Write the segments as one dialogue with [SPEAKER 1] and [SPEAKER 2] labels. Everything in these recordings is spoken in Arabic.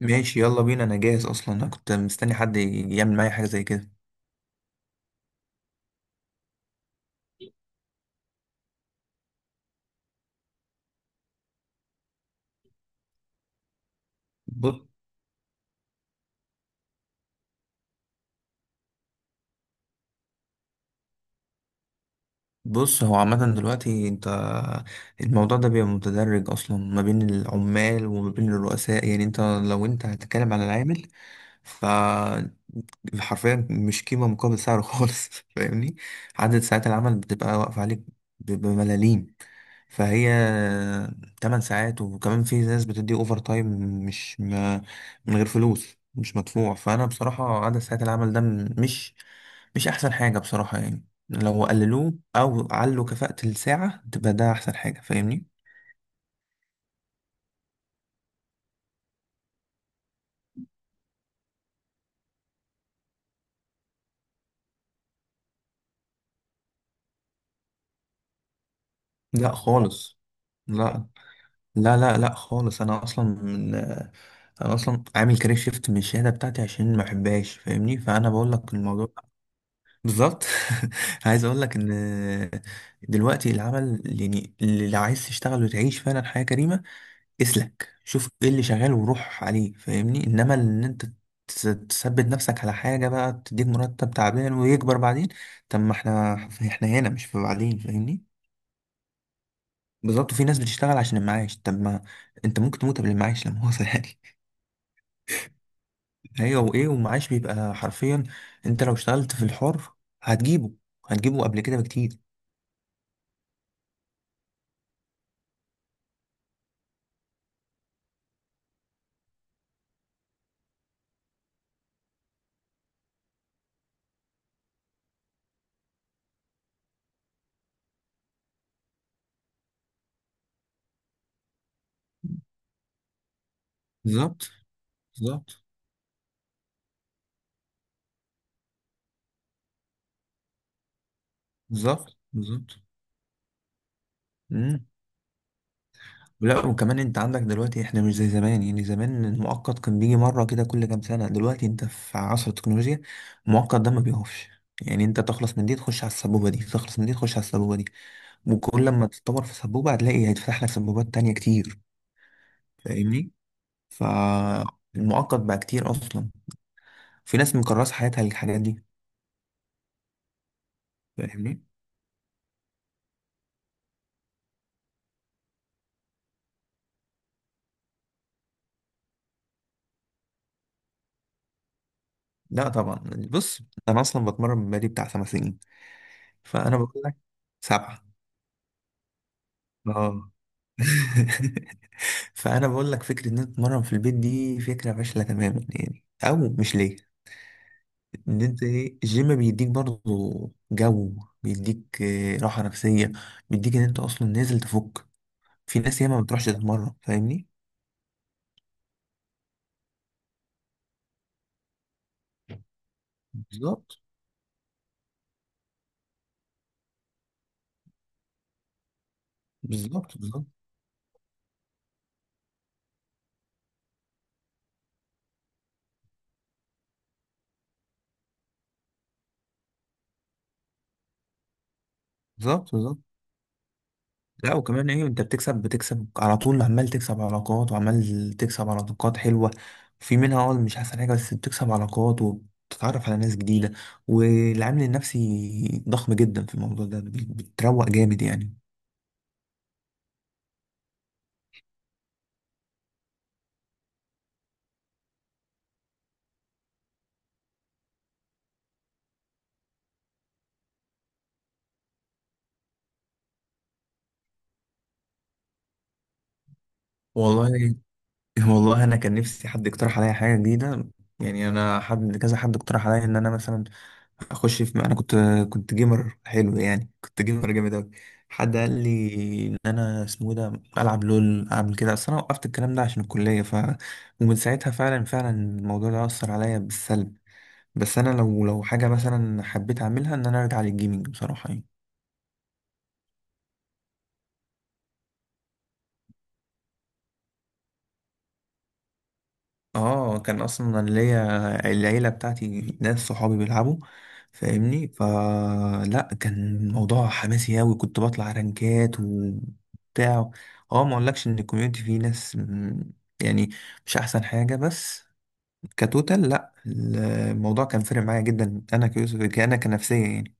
[SPEAKER 1] ماشي، يلا بينا. انا جاهز اصلا، انا كنت مستني حد يعمل معايا حاجه زي كده. بص، بص هو عامه دلوقتي انت، الموضوع ده بيبقى متدرج اصلا ما بين العمال وما بين الرؤساء. يعني انت لو هتتكلم على العامل، حرفيا مش قيمة مقابل سعره خالص فاهمني؟ عدد ساعات العمل بتبقى واقفة عليك بملاليم. فهي 8 ساعات، وكمان في ناس بتدي اوفر تايم مش ما من غير فلوس، مش مدفوع. فانا بصراحة عدد ساعات العمل ده مش احسن حاجة بصراحة. يعني لو قللوه او علوا كفاءة الساعة تبقى ده احسن حاجة، فاهمني؟ لا لا خالص، لا لا لا لا خالص. انا اصلا من انا اصلا عامل كارير شيفت من الشهاده بتاعتي عشان ما بحبهاش، فاهمني؟ فانا بقول لك الموضوع بالظبط. عايز اقول لك ان دلوقتي العمل، يعني اللي لو عايز تشتغل وتعيش فعلا حياه كريمه، اسلك شوف ايه اللي شغال وروح عليه، فاهمني؟ انما ان انت تس- تثبت نفسك على حاجه بقى تديك مرتب تعبان ويكبر بعدين، طب ما احنا هنا مش في بعدين، فاهمني؟ بالظبط. وفي ناس بتشتغل عشان المعاش، طب ما انت ممكن تموت قبل المعاش، لا مؤاخذة يعني. ايوه. وايه، والمعاش بيبقى حرفيا انت لو اشتغلت في الحر هتجيبه هتجيبه قبل كده بكتير. بالظبط بالظبط، بالظبط بالظبط. امم. لا، وكمان انت عندك دلوقتي احنا مش زي زمان. يعني زمان المؤقت كان بيجي مرة كده كل كام سنة، دلوقتي انت في عصر التكنولوجيا، المؤقت ده ما بيقفش. يعني انت تخلص من دي تخش على السبوبة دي، تخلص من دي تخش على السبوبة دي، وكل لما تتطور في سبوبة هتلاقي هيتفتح لك سبوبات تانية كتير، فاهمني؟ فالمعقد بقى كتير اصلا، في ناس مكرسه حياتها للحاجات دي، فاهمني؟ لا طبعا. بص، انا اصلا بتمرن بقالي بتاع خمس سنين. فانا بقول لك سبعه. اه. فانا بقول لك فكره ان انت تتمرن في البيت دي فكره فاشله تماما، يعني او مش ليه. ان انت ايه، الجيم بيديك برضه جو، بيديك راحه نفسيه، بيديك ان انت اصلا نازل تفك. في ناس ياما ما بتروحش تتمرن، فاهمني؟ بالظبط بالظبط، بالظبط بالظبط بالظبط. لا، وكمان ايه، انت بتكسب، بتكسب على طول، عمال تكسب علاقات، وعمال تكسب علاقات حلوة. في منها اه مش احسن حاجة، بس بتكسب علاقات وبتتعرف على ناس جديدة. والعامل النفسي ضخم جدا في الموضوع ده. بتروق جامد يعني. والله، والله انا كان نفسي حد يقترح عليا حاجة جديدة. يعني انا حد كذا، حد اقترح عليا ان انا مثلا اخش في، انا كنت جيمر حلو، يعني كنت جيمر جامد اوي. حد قال لي ان انا اسمه إيه ده العب لول، اعمل كده. اصل انا وقفت الكلام ده عشان الكليه، ف ومن ساعتها فعلا فعلا الموضوع ده اثر عليا بالسلب. بس انا لو، لو حاجه مثلا حبيت اعملها ان انا ارجع للجيمنج بصراحه يعني. اه، كان اصلا أنا ليا العيله بتاعتي، ناس صحابي بيلعبوا، فاهمني؟ فلا كان الموضوع حماسي اوي، كنت بطلع رانكات وبتاع. اه، ما اقولكش ان الكوميونتي فيه ناس يعني مش احسن حاجه، بس كتوتال لا الموضوع كان فارق معايا جدا. انا كيوسف، انا كنفسيه يعني.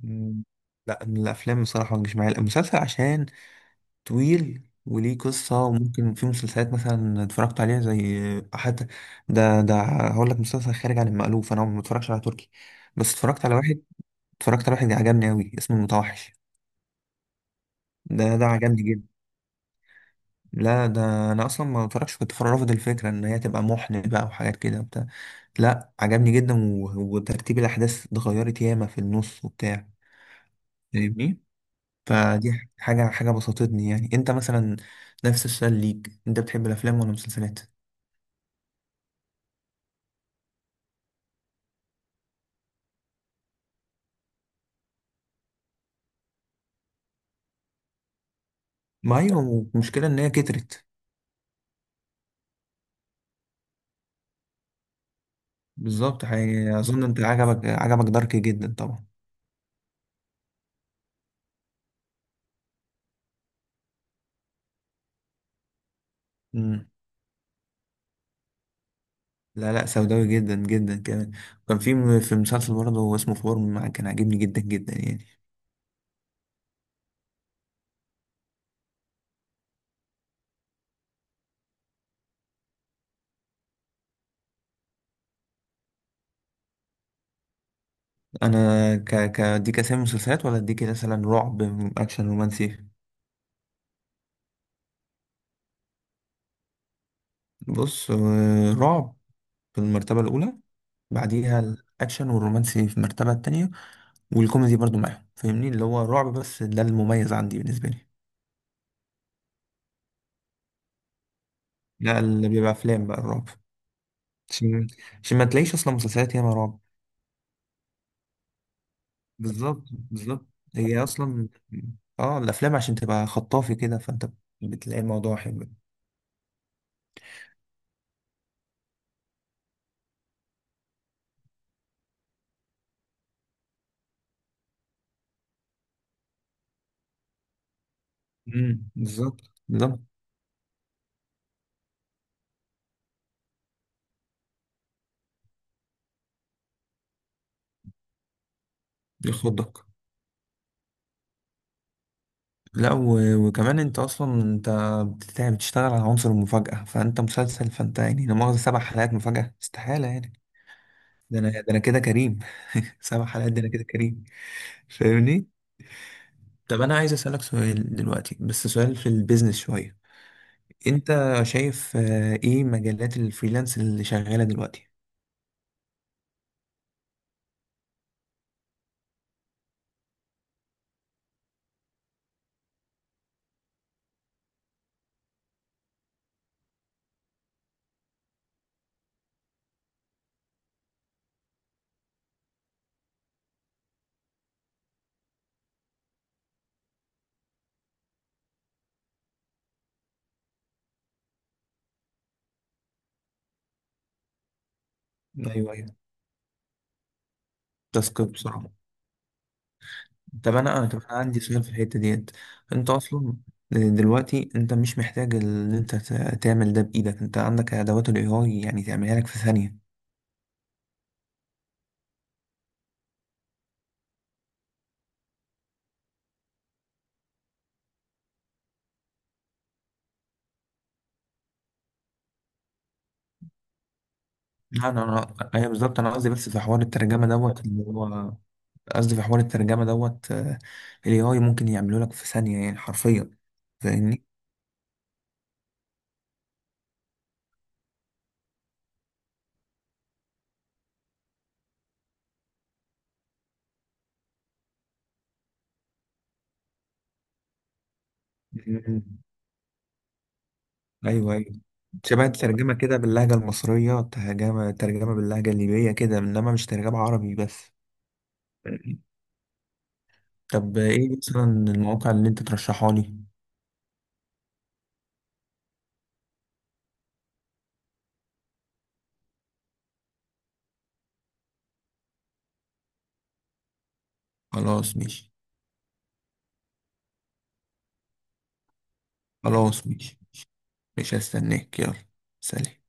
[SPEAKER 1] م. لا الافلام بصراحه ما بتجيش معايا، المسلسل عشان طويل وليه قصة، وممكن في مسلسلات مثلا اتفرجت عليها زي حتى، ده هقول لك مسلسل خارج عن المألوف، أنا ما بتفرجش على تركي، بس اتفرجت على واحد، اتفرجت على واحد عجبني أوي اسمه المتوحش. ده عجبني جدا. لا، ده أنا أصلا ما بتفرجش، كنت رافض الفكرة إن هي تبقى محن بقى وحاجات كده وبتاع. لا عجبني جدا وترتيب الأحداث اتغيرت ياما في النص وبتاع، فاهمني؟ فدي حاجة، حاجة بسطتني يعني. أنت مثلا، نفس السؤال ليك، أنت بتحب الأفلام ولا المسلسلات؟ ما ايوه المشكلة ان هي كترت. بالظبط. حقيقي اظن انت عجبك دارك جدا طبعا. مم. لا لا، سوداوي جدا جدا كمان. كان في في مسلسل برضه هو اسمه فورم، كان عاجبني جدا جدا يعني. انا ك ك اديك اسامي مسلسلات ولا اديك مثلا رعب، اكشن، رومانسي؟ بص، رعب في المرتبة الاولى، بعديها الاكشن والرومانسي في المرتبة التانية. والكوميدي برضه معاهم، فاهمني؟ اللي هو رعب بس، ده المميز عندي بالنسبة لي. لا اللي بيبقى افلام بقى الرعب. عشان، عشان ما تلاقيش اصلا مسلسلات ياما رعب. بالظبط بالظبط. هي اصلا اه الافلام عشان تبقى خطافي كده، فانت بتلاقي الموضوع حلو. امم. بالظبط بالظبط. يخضك. لا، و... وكمان انت اصلا انت بتشتغل على عنصر المفاجأة. فانت مسلسل، يعني لا مؤاخذة سبع حلقات مفاجأة استحالة يعني. ده انا، كده كريم. سبع حلقات ده انا كده كريم، فاهمني؟ طب انا عايز اسألك سؤال دلوقتي، بس سؤال في البيزنس شوية. انت شايف ايه مجالات الفريلانس اللي شغاله دلوقتي؟ ايوه ايوه، تاسك بسرعه. طب انا، انا، طب انا عندي سؤال في الحته ديت. انت اصلا دلوقتي انت مش محتاج ان انت تعمل ده بايدك، انت عندك ادوات الاي اي يعني تعملها لك في ثانيه. لا انا، انا ايوه بالظبط، انا قصدي بس في حوار الترجمه دوت، اللي هو قصدي في حوار الترجمه دوت، الاي اي ممكن يعمله لك في ثانيه يعني حرفيا، فاهمني؟ مم. ايوه ايوه. شبه الترجمة كده باللهجة المصرية، ترجمة، ترجمة باللهجة الليبية كده، إنما مش ترجمة عربي بس. طب إيه مثلا المواقع اللي أنت ترشحها لي؟ خلاص ماشي. خلاص ماشي، مش هستناك، يلا سلام.